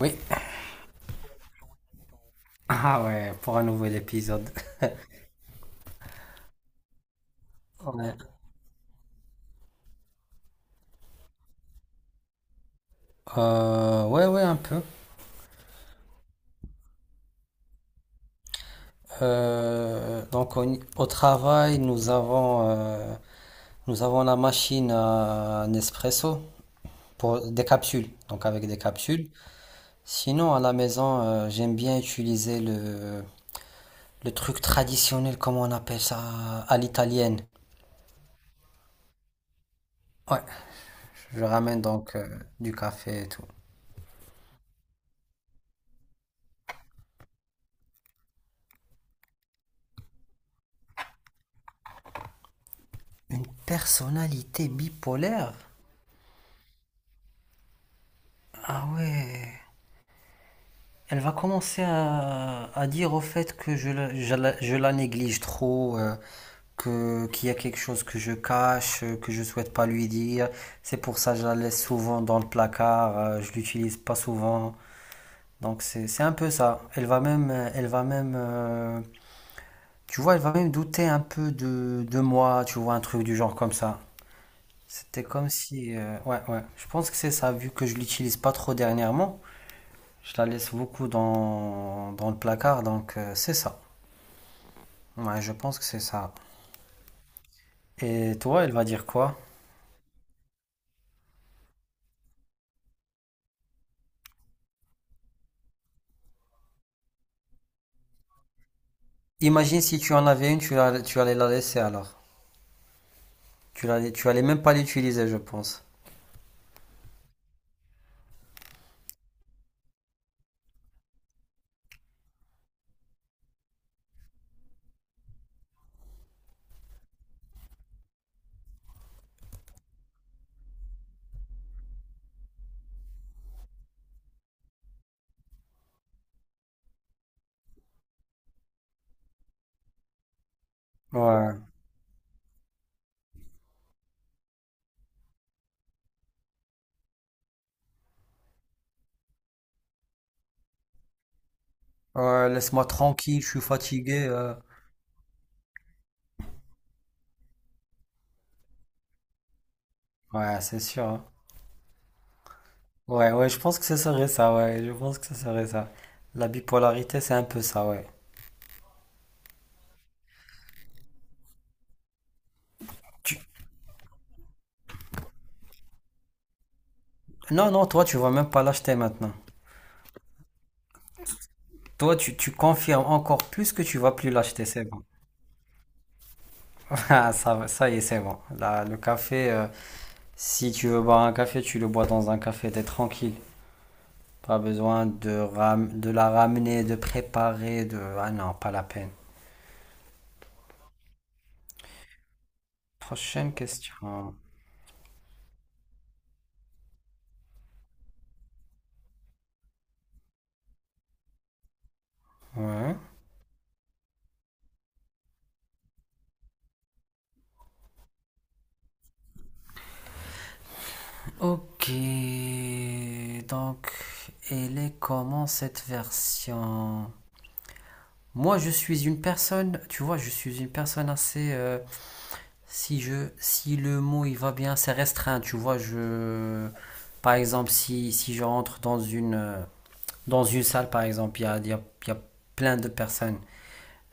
Oui. Ah ouais, pour un nouvel épisode. Ouais. Ouais, ouais, un peu. Donc au travail, nous avons la machine à Nespresso pour des capsules, donc avec des capsules. Sinon, à la maison, j'aime bien utiliser le truc traditionnel, comment on appelle ça, à l'italienne. Ouais, je ramène donc du café et tout. Une personnalité bipolaire? Ah ouais. Elle va commencer à dire au fait que je la néglige trop, que, qu'il y a quelque chose que je cache, que je souhaite pas lui dire. C'est pour ça que je la laisse souvent dans le placard, je l'utilise pas souvent. Donc c'est un peu ça. Elle va même, tu vois, elle va même douter un peu de moi, tu vois, un truc du genre comme ça. C'était comme si, ouais, ouais. Je pense que c'est ça, vu que je l'utilise pas trop dernièrement. Je la laisse beaucoup dans, dans le placard, donc c'est ça. Ouais, je pense que c'est ça. Et toi, elle va dire quoi? Imagine si tu en avais une, tu, tu allais la laisser alors. Tu allais même pas l'utiliser, je pense. Ouais. Ouais, laisse-moi tranquille, je suis fatigué. Ouais, c'est sûr, hein. Ouais, ouais, je pense que ce serait ça, ouais. Je pense que ce serait ça. La bipolarité, c'est un peu ça, ouais. Tu- Non, non, toi, tu vas même pas l'acheter maintenant. Toi, tu confirmes encore plus que tu vas plus l'acheter, c'est bon. Ah, ça y est, c'est bon. Là, le café, si tu veux boire un café, tu le bois dans un café, t'es tranquille. Pas besoin de, de la ramener, de préparer, de... Ah non, pas la peine. Prochaine question. Ouais. Ok, donc elle est comment cette version? Moi, je suis une personne, tu vois, je suis une personne assez, si je, si le mot il va bien, c'est restreint, tu vois, je, par exemple, si, si je rentre dans une salle, par exemple, il y a plein de personnes.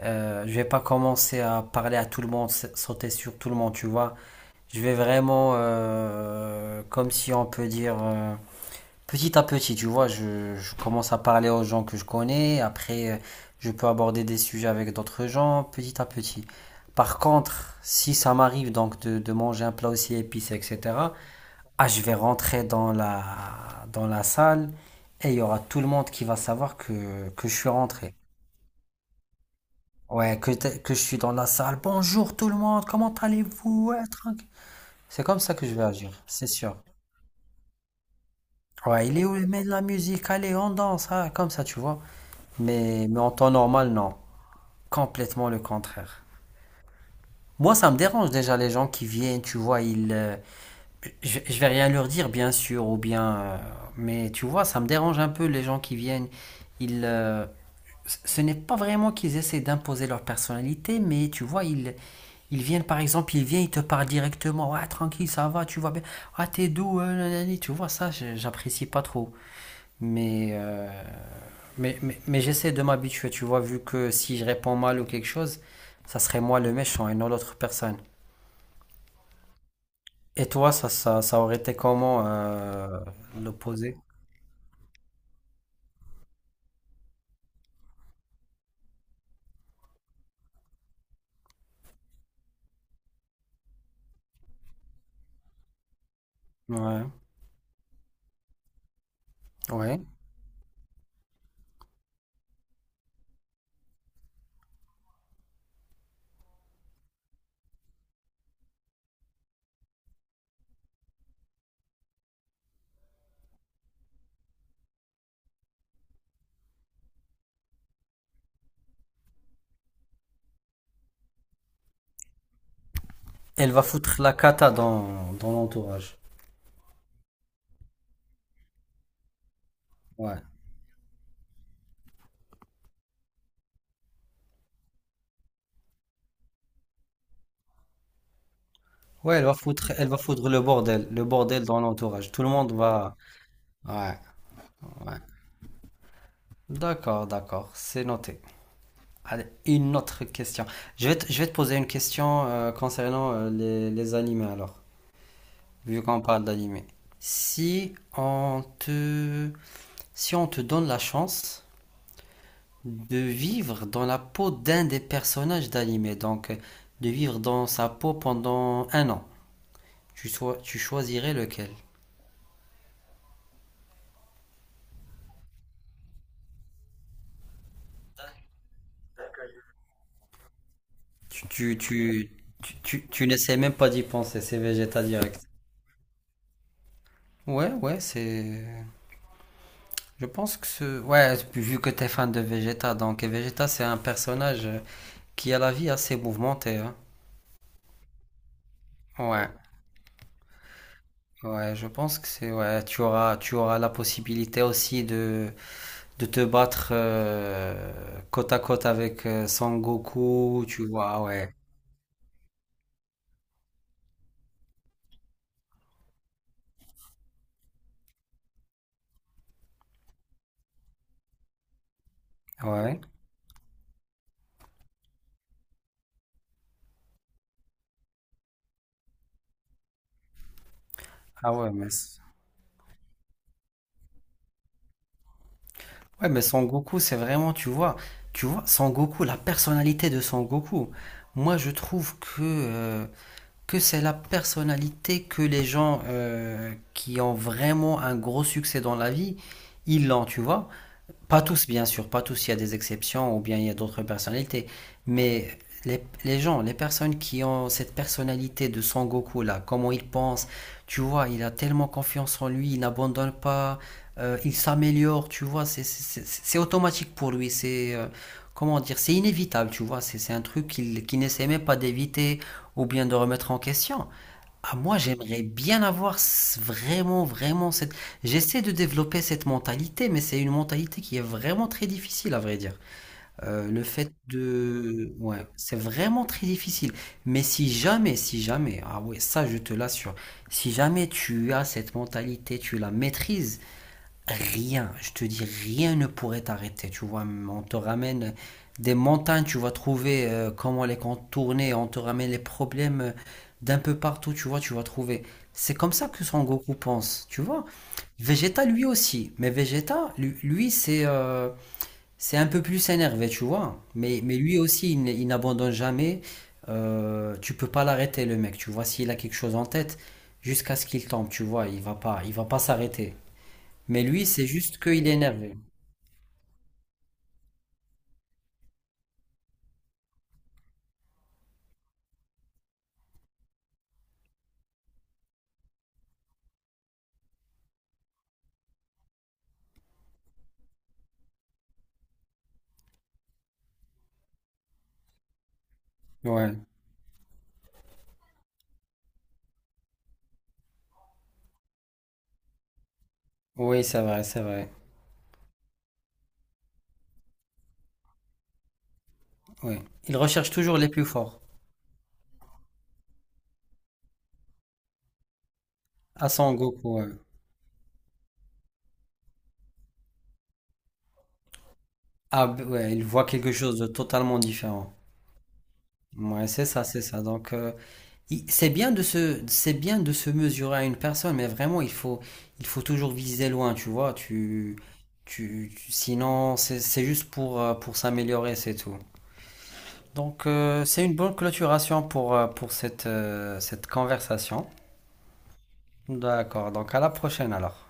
Je vais pas commencer à parler à tout le monde, sauter sur tout le monde, tu vois. Je vais vraiment, comme si on peut dire, petit à petit, tu vois. Je commence à parler aux gens que je connais. Après, je peux aborder des sujets avec d'autres gens, petit à petit. Par contre, si ça m'arrive donc de manger un plat aussi épicé, etc., ah, je vais rentrer dans la salle et il y aura tout le monde qui va savoir que je suis rentré. Ouais, que je suis dans la salle. Bonjour tout le monde, comment allez-vous? Ouais, tranquille. C'est comme ça que je vais agir, c'est sûr. Ouais, il est où le mec de la musique? Allez, on danse, hein, comme ça, tu vois. Mais en temps normal, non. Complètement le contraire. Moi, ça me dérange déjà les gens qui viennent, tu vois, ils, je vais rien leur dire, bien sûr, ou bien, mais tu vois, ça me dérange un peu les gens qui viennent, ils, ce n'est pas vraiment qu'ils essaient d'imposer leur personnalité, mais tu vois, ils viennent par exemple, ils viennent, ils te parlent directement. Ouais, tranquille, ça va, tu vois bien. Ah, t'es doux, nanani, tu vois, ça, j'apprécie pas trop. Mais, euh, mais j'essaie de m'habituer, tu vois, vu que si je réponds mal ou quelque chose, ça serait moi le méchant et non l'autre personne. Et toi, ça aurait été comment, l'opposé? Ouais, ouais. Elle va foutre la cata dans, dans l'entourage. Ouais. Ouais, elle va foutre, elle va foudre le bordel dans l'entourage. Tout le monde va. Ouais, ouais. D'accord, d'accord, c'est noté. Allez, une autre question. Je vais te poser une question concernant les animés alors, vu qu'on parle d'animés. Si on te, si on te donne la chance de vivre dans la peau d'un des personnages d'animé, donc de vivre dans sa peau pendant un an, tu choisirais lequel? Tu, tu, tu, tu n'essaies même pas d'y penser, c'est Vegeta direct. Ouais, ouais, c'est. Je pense que ce. Ouais, vu que t'es fan de Vegeta, donc et Vegeta, c'est un personnage qui a la vie assez mouvementée, hein. Ouais, ouais, je pense que c'est. Ouais, tu auras la possibilité aussi de te battre côte à côte avec Son Goku, tu vois, ouais. Ouais. Ah ouais, mais. Ouais, mais Son Goku, c'est vraiment, tu vois, Son Goku, la personnalité de Son Goku. Moi, je trouve que c'est la personnalité que les gens qui ont vraiment un gros succès dans la vie, ils l'ont, tu vois. Pas tous, bien sûr, pas tous, il y a des exceptions ou bien il y a d'autres personnalités. Mais les gens, les personnes qui ont cette personnalité de Son Goku là, comment il pense, tu vois, il a tellement confiance en lui, il n'abandonne pas, il s'améliore, tu vois, c'est automatique pour lui, c'est comment dire, c'est inévitable, tu vois, c'est un truc qu'il n'essaie même pas d'éviter ou bien de remettre en question. Ah, moi, j'aimerais bien avoir vraiment, vraiment cette... J'essaie de développer cette mentalité, mais c'est une mentalité qui est vraiment très difficile, à vrai dire. Le fait de... Ouais, c'est vraiment très difficile. Mais si jamais, si jamais, ah ouais, ça, je te l'assure, si jamais tu as cette mentalité, tu la maîtrises, rien, je te dis, rien ne pourrait t'arrêter, tu vois. On te ramène des montagnes, tu vas trouver comment les contourner, on te ramène les problèmes d'un peu partout, tu vois, tu vas trouver. C'est comme ça que Son Goku pense, tu vois. Vegeta lui aussi, mais Vegeta, lui, c'est un peu plus énervé, tu vois. Mais lui aussi, il n'abandonne jamais. Tu peux pas l'arrêter, le mec, tu vois. S'il a quelque chose en tête, jusqu'à ce qu'il tombe, tu vois, il va pas s'arrêter. Mais lui, c'est juste qu'il est énervé. Ouais. Oui, c'est vrai, c'est vrai. Oui. Il recherche toujours les plus forts. À Son Goku, ouais. Ah, ouais, il voit quelque chose de totalement différent. Ouais, c'est ça, c'est ça. Donc, c'est bien de se, c'est bien de se mesurer à une personne, mais vraiment, il faut toujours viser loin, tu vois. Sinon, c'est juste pour s'améliorer, c'est tout. Donc, c'est une bonne clôturation pour cette, cette conversation. D'accord. Donc, à la prochaine alors.